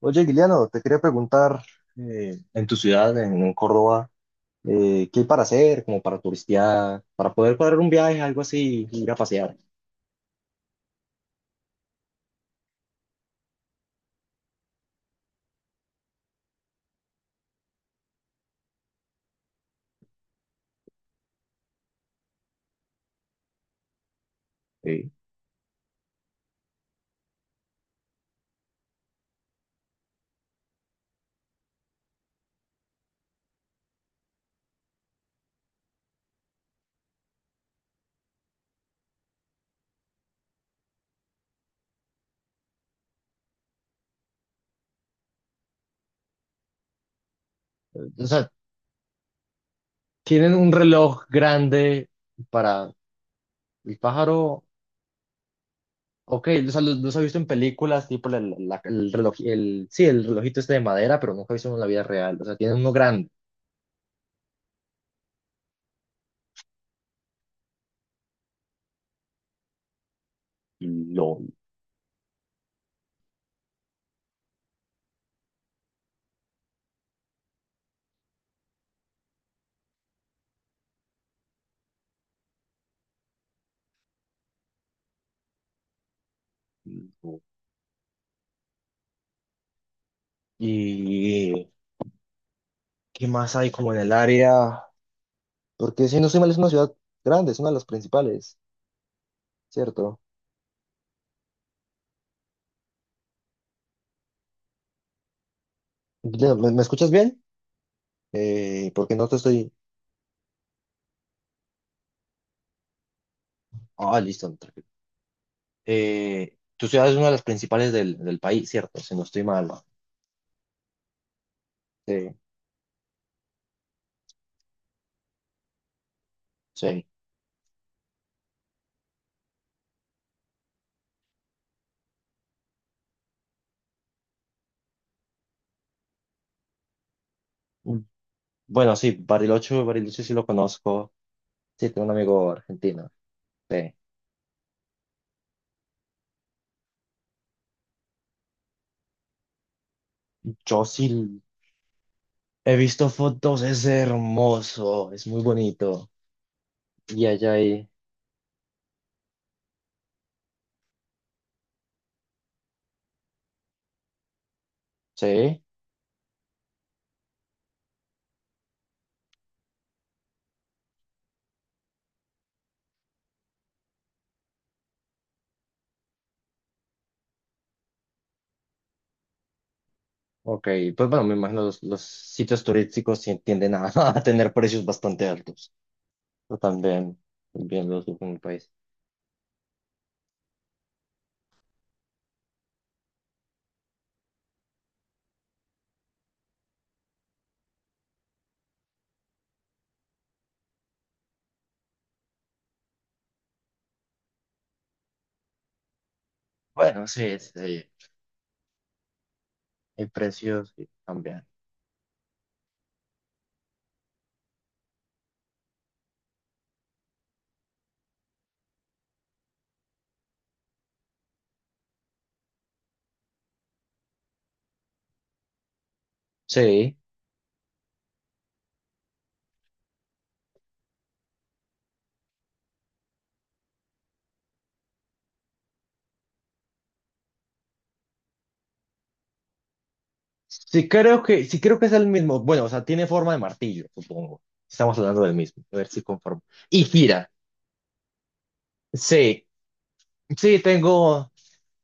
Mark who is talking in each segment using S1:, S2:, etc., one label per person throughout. S1: Oye, Guiliano, te quería preguntar, en tu ciudad, en Córdoba, ¿qué hay para hacer, como para turistear, para poder cuadrar un viaje, algo así, ir a pasear? Sí. O sea, tienen un reloj grande para el pájaro. Ok, o sea, los he visto en películas, tipo el reloj, sí, el relojito este de madera, pero nunca he visto uno en la vida real. O sea, tienen uno grande. Lo, lo- ¿Y qué más hay como en el área? Porque si no soy mal, es una ciudad grande, es una de las principales. Cierto. Ya, me escuchas bien? Porque no te estoy... Ah, listo. No, tranquilo. Tu ciudad es una de las principales del país, ¿cierto? Si no estoy mal. Sí, sí. Mm. Bueno, sí, Bariloche sí lo conozco. Sí, tengo un amigo argentino. Sí. Yo sí he visto fotos, es hermoso, es muy bonito. Y allá hay... Sí. Ok, pues bueno, me imagino los sitios turísticos sí tienden a, a tener precios bastante altos. Yo también, también los en el país. Bueno, sí, sí, el precio sí cambia. Sí. Sí creo sí creo que es el mismo. Bueno, o sea, tiene forma de martillo, supongo. Estamos hablando del mismo. A ver si conformo. Y gira. Sí, sí, tengo.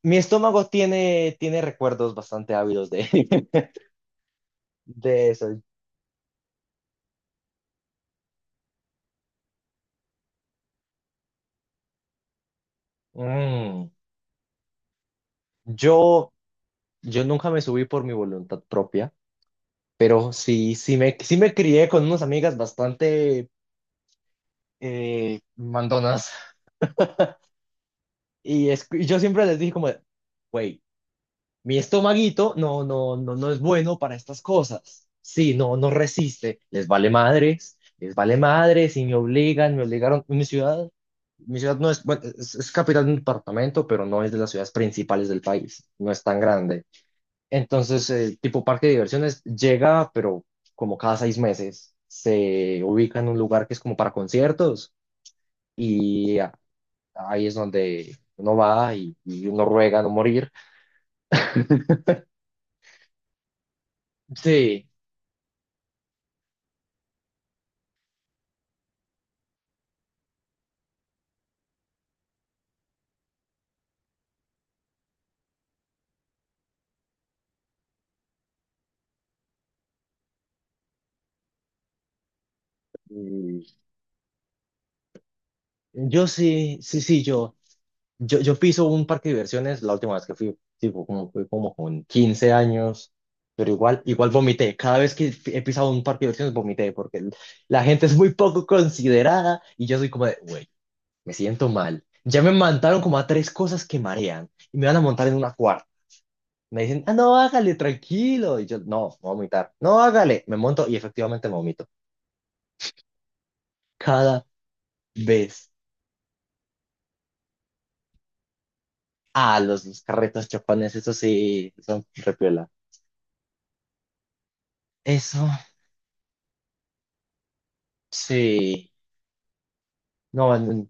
S1: Mi estómago tiene recuerdos bastante ávidos de, de eso. Mm. Yo, yo nunca me subí por mi voluntad propia, pero sí, sí me crié con unas amigas bastante mandonas. Y yo siempre les dije como, de, güey, mi estomaguito no, no, no, no es bueno para estas cosas. Sí, no, no resiste. Les vale madres y me obligan, me obligaron. Mi ciudad no es, bueno, es capital de un departamento, pero no es de las ciudades principales del país. No es tan grande. Entonces, tipo parque de diversiones llega, pero como cada 6 meses se ubica en un lugar que es como para conciertos y ahí es donde uno va y uno ruega no morir. Sí. Y yo sí, sí, yo piso un parque de diversiones la última vez que fui, tipo, como, fui como con 15 años, pero igual, igual vomité. Cada vez que he pisado un parque de diversiones vomité porque la gente es muy poco considerada y yo soy como de, güey, me siento mal. Ya me mandaron como a tres cosas que marean y me van a montar en una cuarta. Me dicen, ah, no, hágale, tranquilo. Y yo, no, voy a vomitar. No, hágale. Me monto y efectivamente vomito. Cada vez. Ah, los carretos chocones, eso sí, son repiola. Eso, sí. No, no,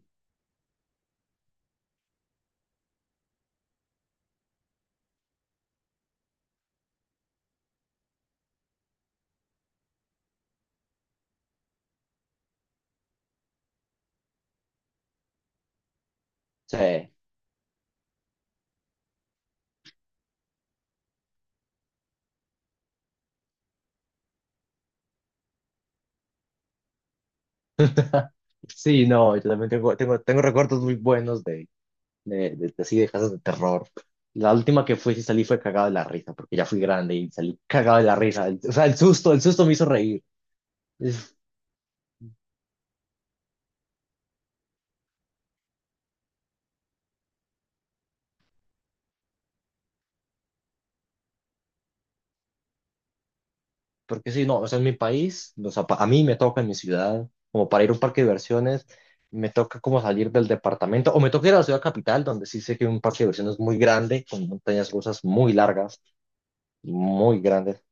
S1: sí. Sí, no, yo también tengo, tengo recuerdos muy buenos de así de casas de terror. La última que fui, sí salí fue cagado de la risa, porque ya fui grande y salí cagado de la risa. O sea, el susto me hizo reír. Porque sí, no, o sea, en mi país, o sea, a mí me toca en mi ciudad, como para ir a un parque de diversiones, me toca como salir del departamento, o me toca ir a la ciudad capital, donde sí sé que hay un parque de diversiones muy grande, con montañas rusas muy largas, muy grandes,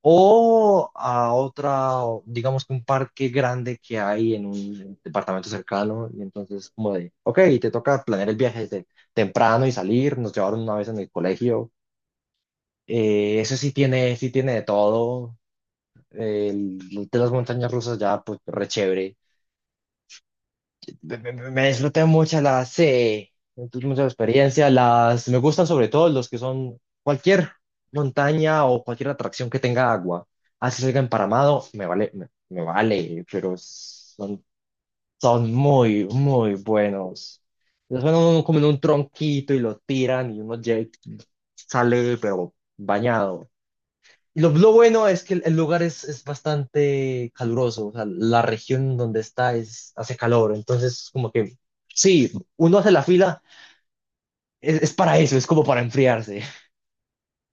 S1: o a otra, o digamos que un parque grande que hay en un departamento cercano, y entonces como de, ok, te toca planear el viaje desde temprano y salir, nos llevaron una vez en el colegio, eso sí sí tiene de todo el de las montañas rusas ya, pues, re chévere. Me disfruté mucho las, me tuve mucha experiencia. Las, me gustan sobre todo los que son cualquier montaña o cualquier atracción que tenga agua. Así salga emparamado, me vale, me vale, pero son, son muy, muy buenos. Los van a uno como en un tronquito y lo tiran y uno sale, pero bañado. Y lo bueno es que el lugar es bastante caluroso, o sea, la región donde está es, hace calor, entonces como que sí, uno hace la fila, es para eso, es como para enfriarse,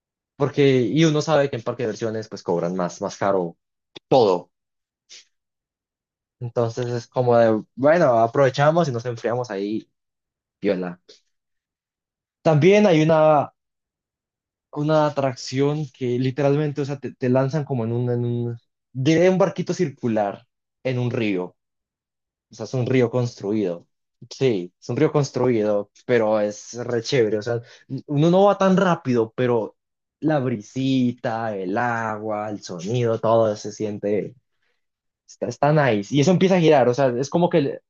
S1: porque y uno sabe que en parque de diversiones pues cobran más, más caro todo, entonces es como de, bueno, aprovechamos y nos enfriamos ahí, viola. También hay una atracción que literalmente, o sea, te lanzan como en un, diré un barquito circular en un río. O sea, es un río construido. Sí, es un río construido, pero es re chévere. O sea, uno no va tan rápido, pero la brisita, el agua, el sonido, todo se siente, está, está nice. Y eso empieza a girar, o sea, es como que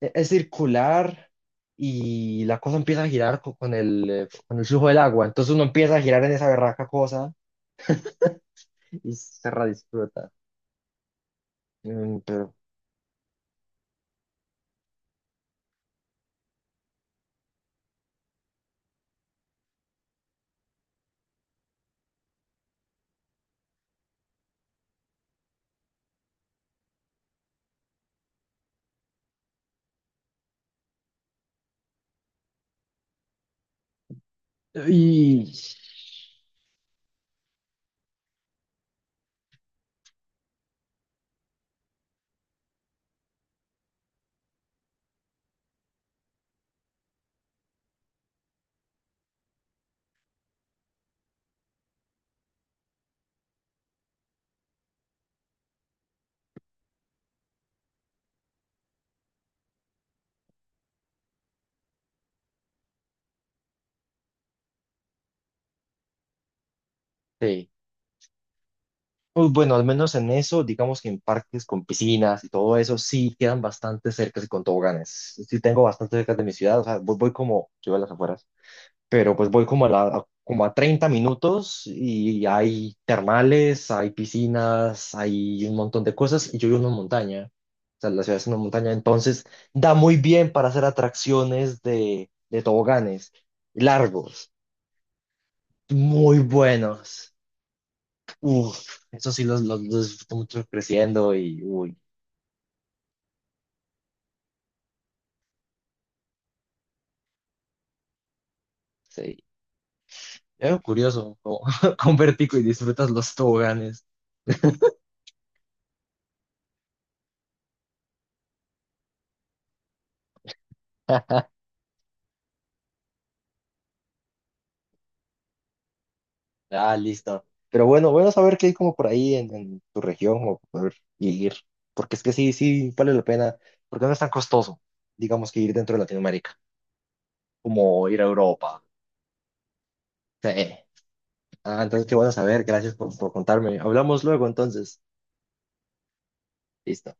S1: es circular y la cosa empieza a girar el, con el flujo del agua. Entonces uno empieza a girar en esa berraca cosa y se redisfruta. Mm. Pero, y sí. Pues bueno, al menos en eso, digamos que en parques con piscinas y todo eso, sí quedan bastante cerca y con toboganes. Sí tengo bastante cerca de mi ciudad, o sea, voy, voy como, yo a las afueras, pero pues voy como a, como a 30 minutos y hay termales, hay piscinas, hay un montón de cosas y yo vivo en una montaña. O sea, la ciudad es una montaña, entonces da muy bien para hacer atracciones de toboganes largos, muy buenos. Uf, eso sí los disfruto mucho creciendo y, uy, sí. Es curioso, como con vértigo y disfrutas los toboganes. Ah, listo. Pero bueno, bueno saber que hay como por ahí en tu región o poder ir, porque es que sí, sí, vale la pena, porque no es tan costoso, digamos, que ir dentro de Latinoamérica, como ir a Europa. Sí. Ah, entonces qué bueno saber, gracias por contarme. Hablamos luego entonces. Listo.